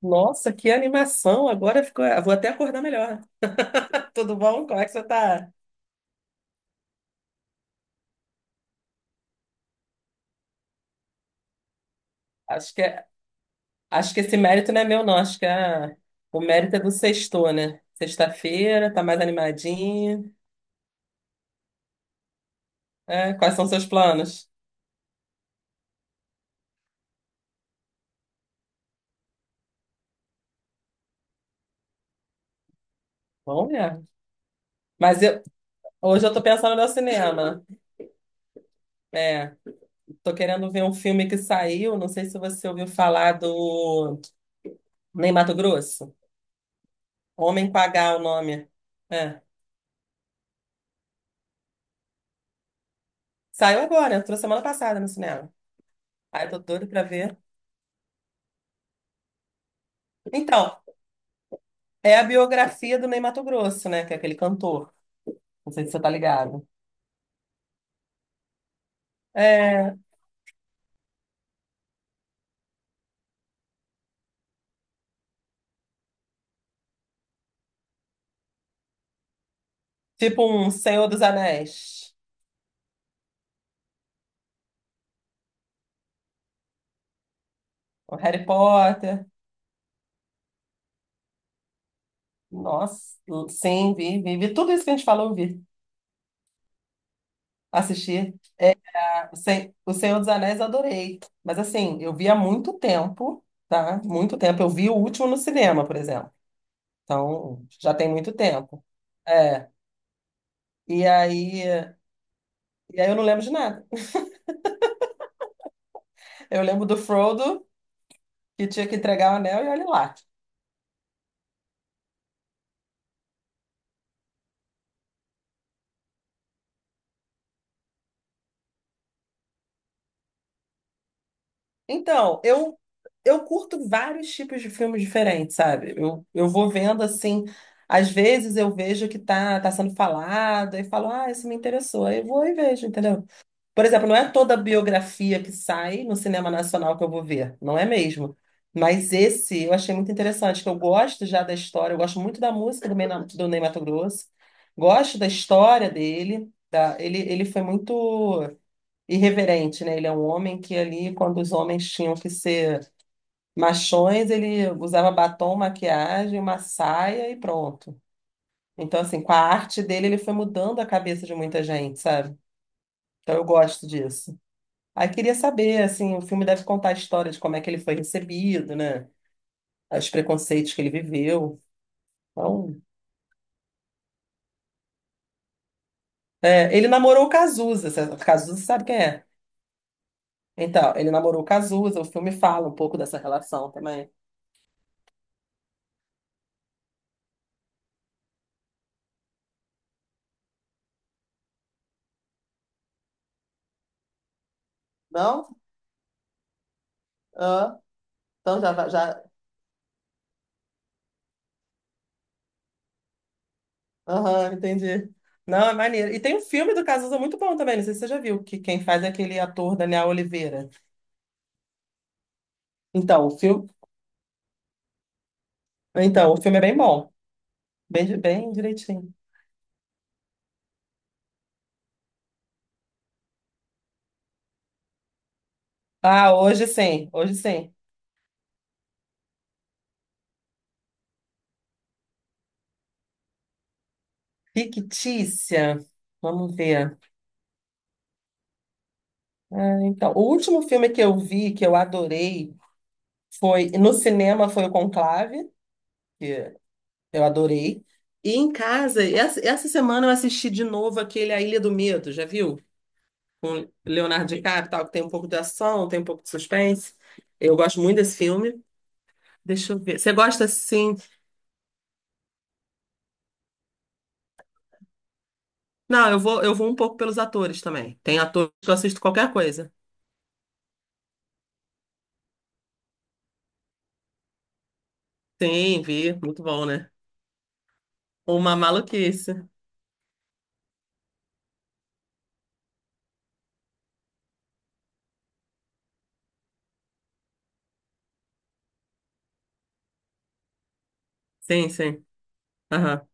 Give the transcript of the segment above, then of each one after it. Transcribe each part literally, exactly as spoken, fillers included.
Nossa, que animação! Agora ficou. Vou até acordar melhor. Tudo bom? Como é que você tá? Acho que, é- acho que esse mérito não é meu, não. Acho que é- o mérito é do sexto, né? Sexta-feira, tá mais animadinho. É, quais são seus planos? Bom, mesmo. Mas eu- Hoje eu tô pensando no cinema. É, tô querendo ver um filme que saiu. Não sei se você ouviu falar do Ney Matogrosso. Homem com H, é o nome. É. Saiu agora, entrou semana passada no cinema. Ai, tô doido pra ver. Então, é a biografia do Ney Matogrosso, né? Que é aquele cantor. Não sei se você tá ligado. É tipo um Senhor dos Anéis, um Harry Potter. Nossa, sim, vi, vi, vi tudo isso que a gente falou, eu vi. Assisti. O Sen- o Senhor dos Anéis eu adorei. Mas assim, eu vi há muito tempo, tá? Muito tempo. Eu vi o último no cinema, por exemplo. Então, já tem muito tempo. É. E aí, e aí eu não lembro de nada. Eu lembro do Frodo, que tinha que entregar o anel, e olha lá. Então, eu eu curto vários tipos de filmes diferentes, sabe? Eu, eu vou vendo assim, às vezes eu vejo que tá, tá sendo falado e falo, ah, isso me interessou. Aí eu vou e vejo, entendeu? Por exemplo, não é toda biografia que sai no cinema nacional que eu vou ver, não é mesmo? Mas esse eu achei muito interessante, que eu gosto já da história, eu gosto muito da música do, Ney- do Ney Matogrosso, gosto da história dele, da, ele, ele foi muito irreverente, né? Ele é um homem que ali, quando os homens tinham que ser machões, ele usava batom, maquiagem, uma saia e pronto. Então, assim, com a arte dele, ele foi mudando a cabeça de muita gente, sabe? Então, eu gosto disso. Aí, queria saber, assim, o filme deve contar a história de como é que ele foi recebido, né? Os preconceitos que ele viveu. Então, é, ele namorou o Cazuza. sa- Cazuza sabe quem é? Então, ele namorou o Cazuza. O filme fala um pouco dessa relação também. Não? Ah. Então já, va- já. Aham, entendi. Não, é maneiro. E tem um filme do Cazuza muito bom também, não sei se você já viu, que quem faz é aquele ator Daniel Oliveira. Então, o filme, então, o filme é bem bom, bem, bem direitinho. Ah, hoje sim, hoje sim. Fictícia, vamos ver. Ah, então, o último filme que eu vi, que eu adorei, foi, no cinema foi o Conclave, que eu adorei. E em casa, essa, essa semana eu assisti de novo aquele A Ilha do Medo, já viu? Com Leonardo DiCaprio, tal, que tem um pouco de ação, tem um pouco de suspense. Eu gosto muito desse filme. Deixa eu ver. Você gosta assim? Não, eu vou, eu vou um pouco pelos atores também. Tem atores que eu assisto qualquer coisa. Sim, vi, muito bom, né? Uma maluquice. Sim, sim. Aham.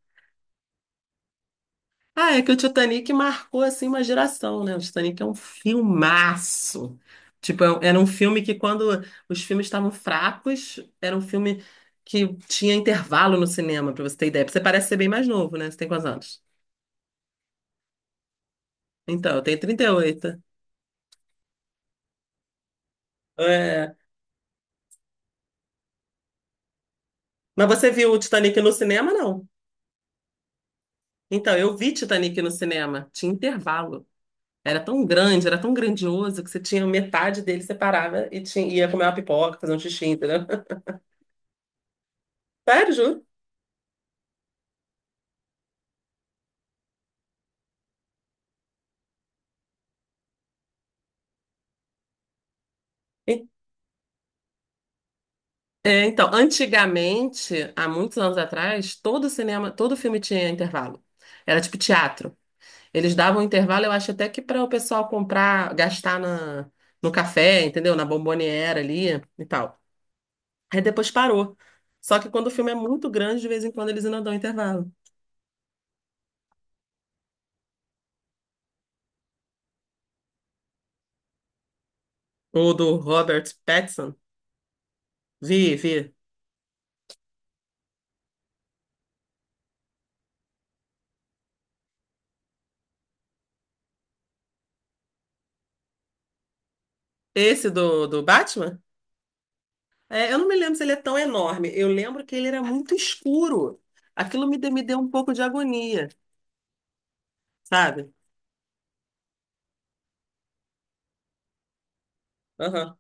Ah, é que o Titanic marcou assim uma geração, né? O Titanic é um filmaço. Tipo, é- um- era um filme que quando os filmes estavam fracos, era um filme que tinha intervalo no cinema, pra você ter ideia. Você parece ser bem mais novo, né? Você tem quantos anos? Então, eu tenho trinta e oito. É... Mas você viu o Titanic no cinema, não? Então, eu vi Titanic no cinema. Tinha intervalo. Era tão grande, era tão grandioso que você tinha metade dele, você parava e tinha, ia comer uma pipoca, fazer um xixi, entendeu? Sério, juro. É, então, antigamente, há muitos anos atrás, todo cinema, todo filme tinha intervalo. Era tipo teatro. Eles davam um intervalo, eu acho até que para o pessoal comprar, gastar na, no café, entendeu? Na bomboniera ali e tal. Aí depois parou. Só que quando o filme é muito grande, de vez em quando eles ainda dão intervalo. O do Robert Pattinson, vi, vi. Esse do, do Batman? É, eu não me lembro se ele é tão enorme. Eu lembro que ele era muito escuro. Aquilo me, de- me deu um pouco de agonia, sabe? Aham,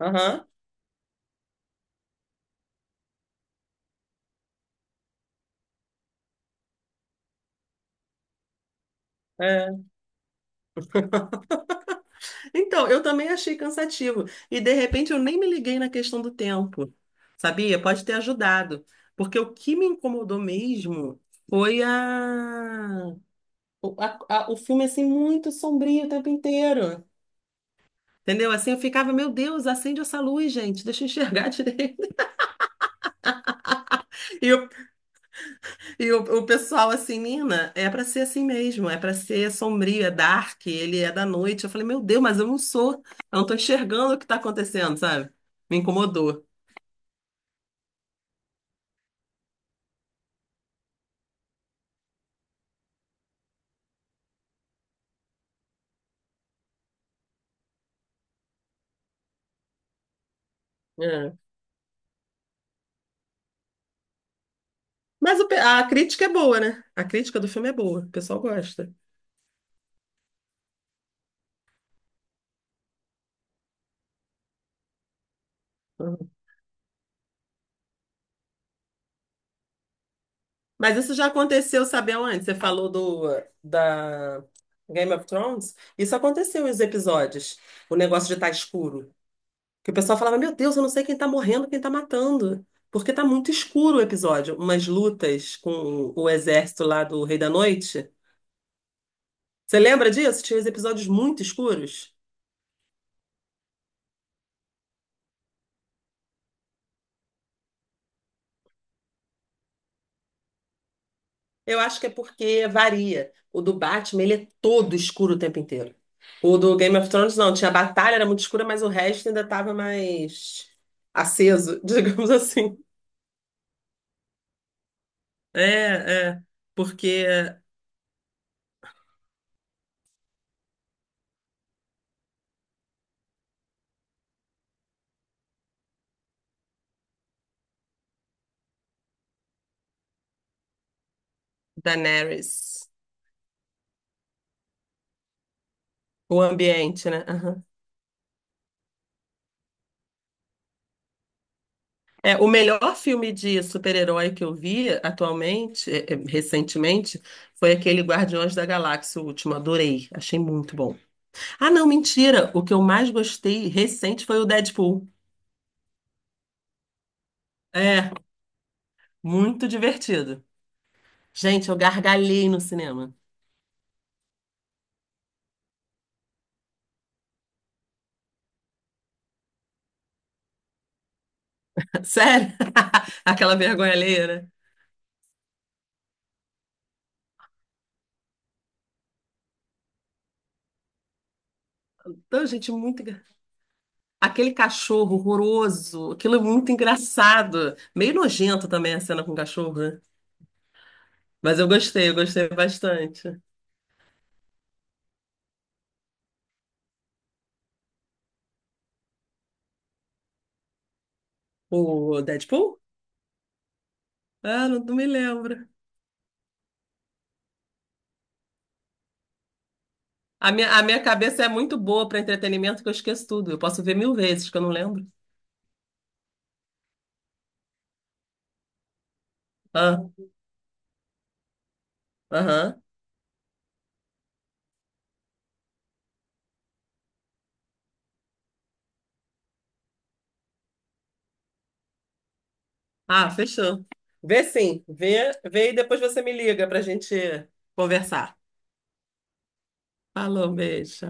aham, é. Então, eu também achei cansativo. E de repente eu nem me liguei na questão do tempo, sabia? Pode ter ajudado. Porque o que me incomodou mesmo foi a... O, a- a- o filme assim muito sombrio o tempo inteiro. Entendeu? Assim eu ficava, meu Deus, acende essa luz, gente, deixa eu enxergar direito. E eu, e o, o pessoal assim, Nina, é pra ser assim mesmo, é pra ser sombrio, é dark, ele é da noite. Eu falei, meu Deus, mas eu não sou, eu não tô enxergando o que tá acontecendo, sabe? Me incomodou. É. Mas o pe- a crítica é boa, né? A crítica do filme é boa, o pessoal gosta. Uhum. Mas isso já aconteceu, sabe aonde? Você falou do da Game of Thrones? Isso aconteceu em os episódios, o negócio de estar escuro. Que o pessoal falava, meu Deus, eu não sei quem tá morrendo, quem tá matando. Porque tá muito escuro o episódio. Umas lutas com o exército lá do Rei da Noite. Você lembra disso? Tinha uns episódios muito escuros. Eu acho que é porque varia. O do Batman, ele é todo escuro o tempo inteiro. O do Game of Thrones, não. Tinha a batalha, era muito escura, mas o resto ainda tava mais aceso, digamos assim. É, é. Porque Daenerys. O ambiente, né? É, o melhor filme de super-herói que eu vi atualmente, é, é, recentemente, foi aquele Guardiões da Galáxia, o último. Adorei. Achei muito bom. Ah, não, mentira. O que eu mais gostei recente foi o Deadpool. É, muito divertido. Gente, eu gargalhei no cinema. Sério? Aquela vergonha alheia, né? Então, gente, muito. engra- Aquele cachorro horroroso, aquilo é muito engraçado. Meio nojento também a cena com o cachorro, né? Mas eu gostei, eu gostei bastante. O Deadpool? Ah, não, não me lembro. A minha, a minha cabeça é muito boa para entretenimento que eu esqueço tudo. Eu posso ver mil vezes que eu não lembro. Ah, aham. Ah, fechou. Vê sim. Vê, vê e depois você me liga pra gente conversar. Falou, beijo.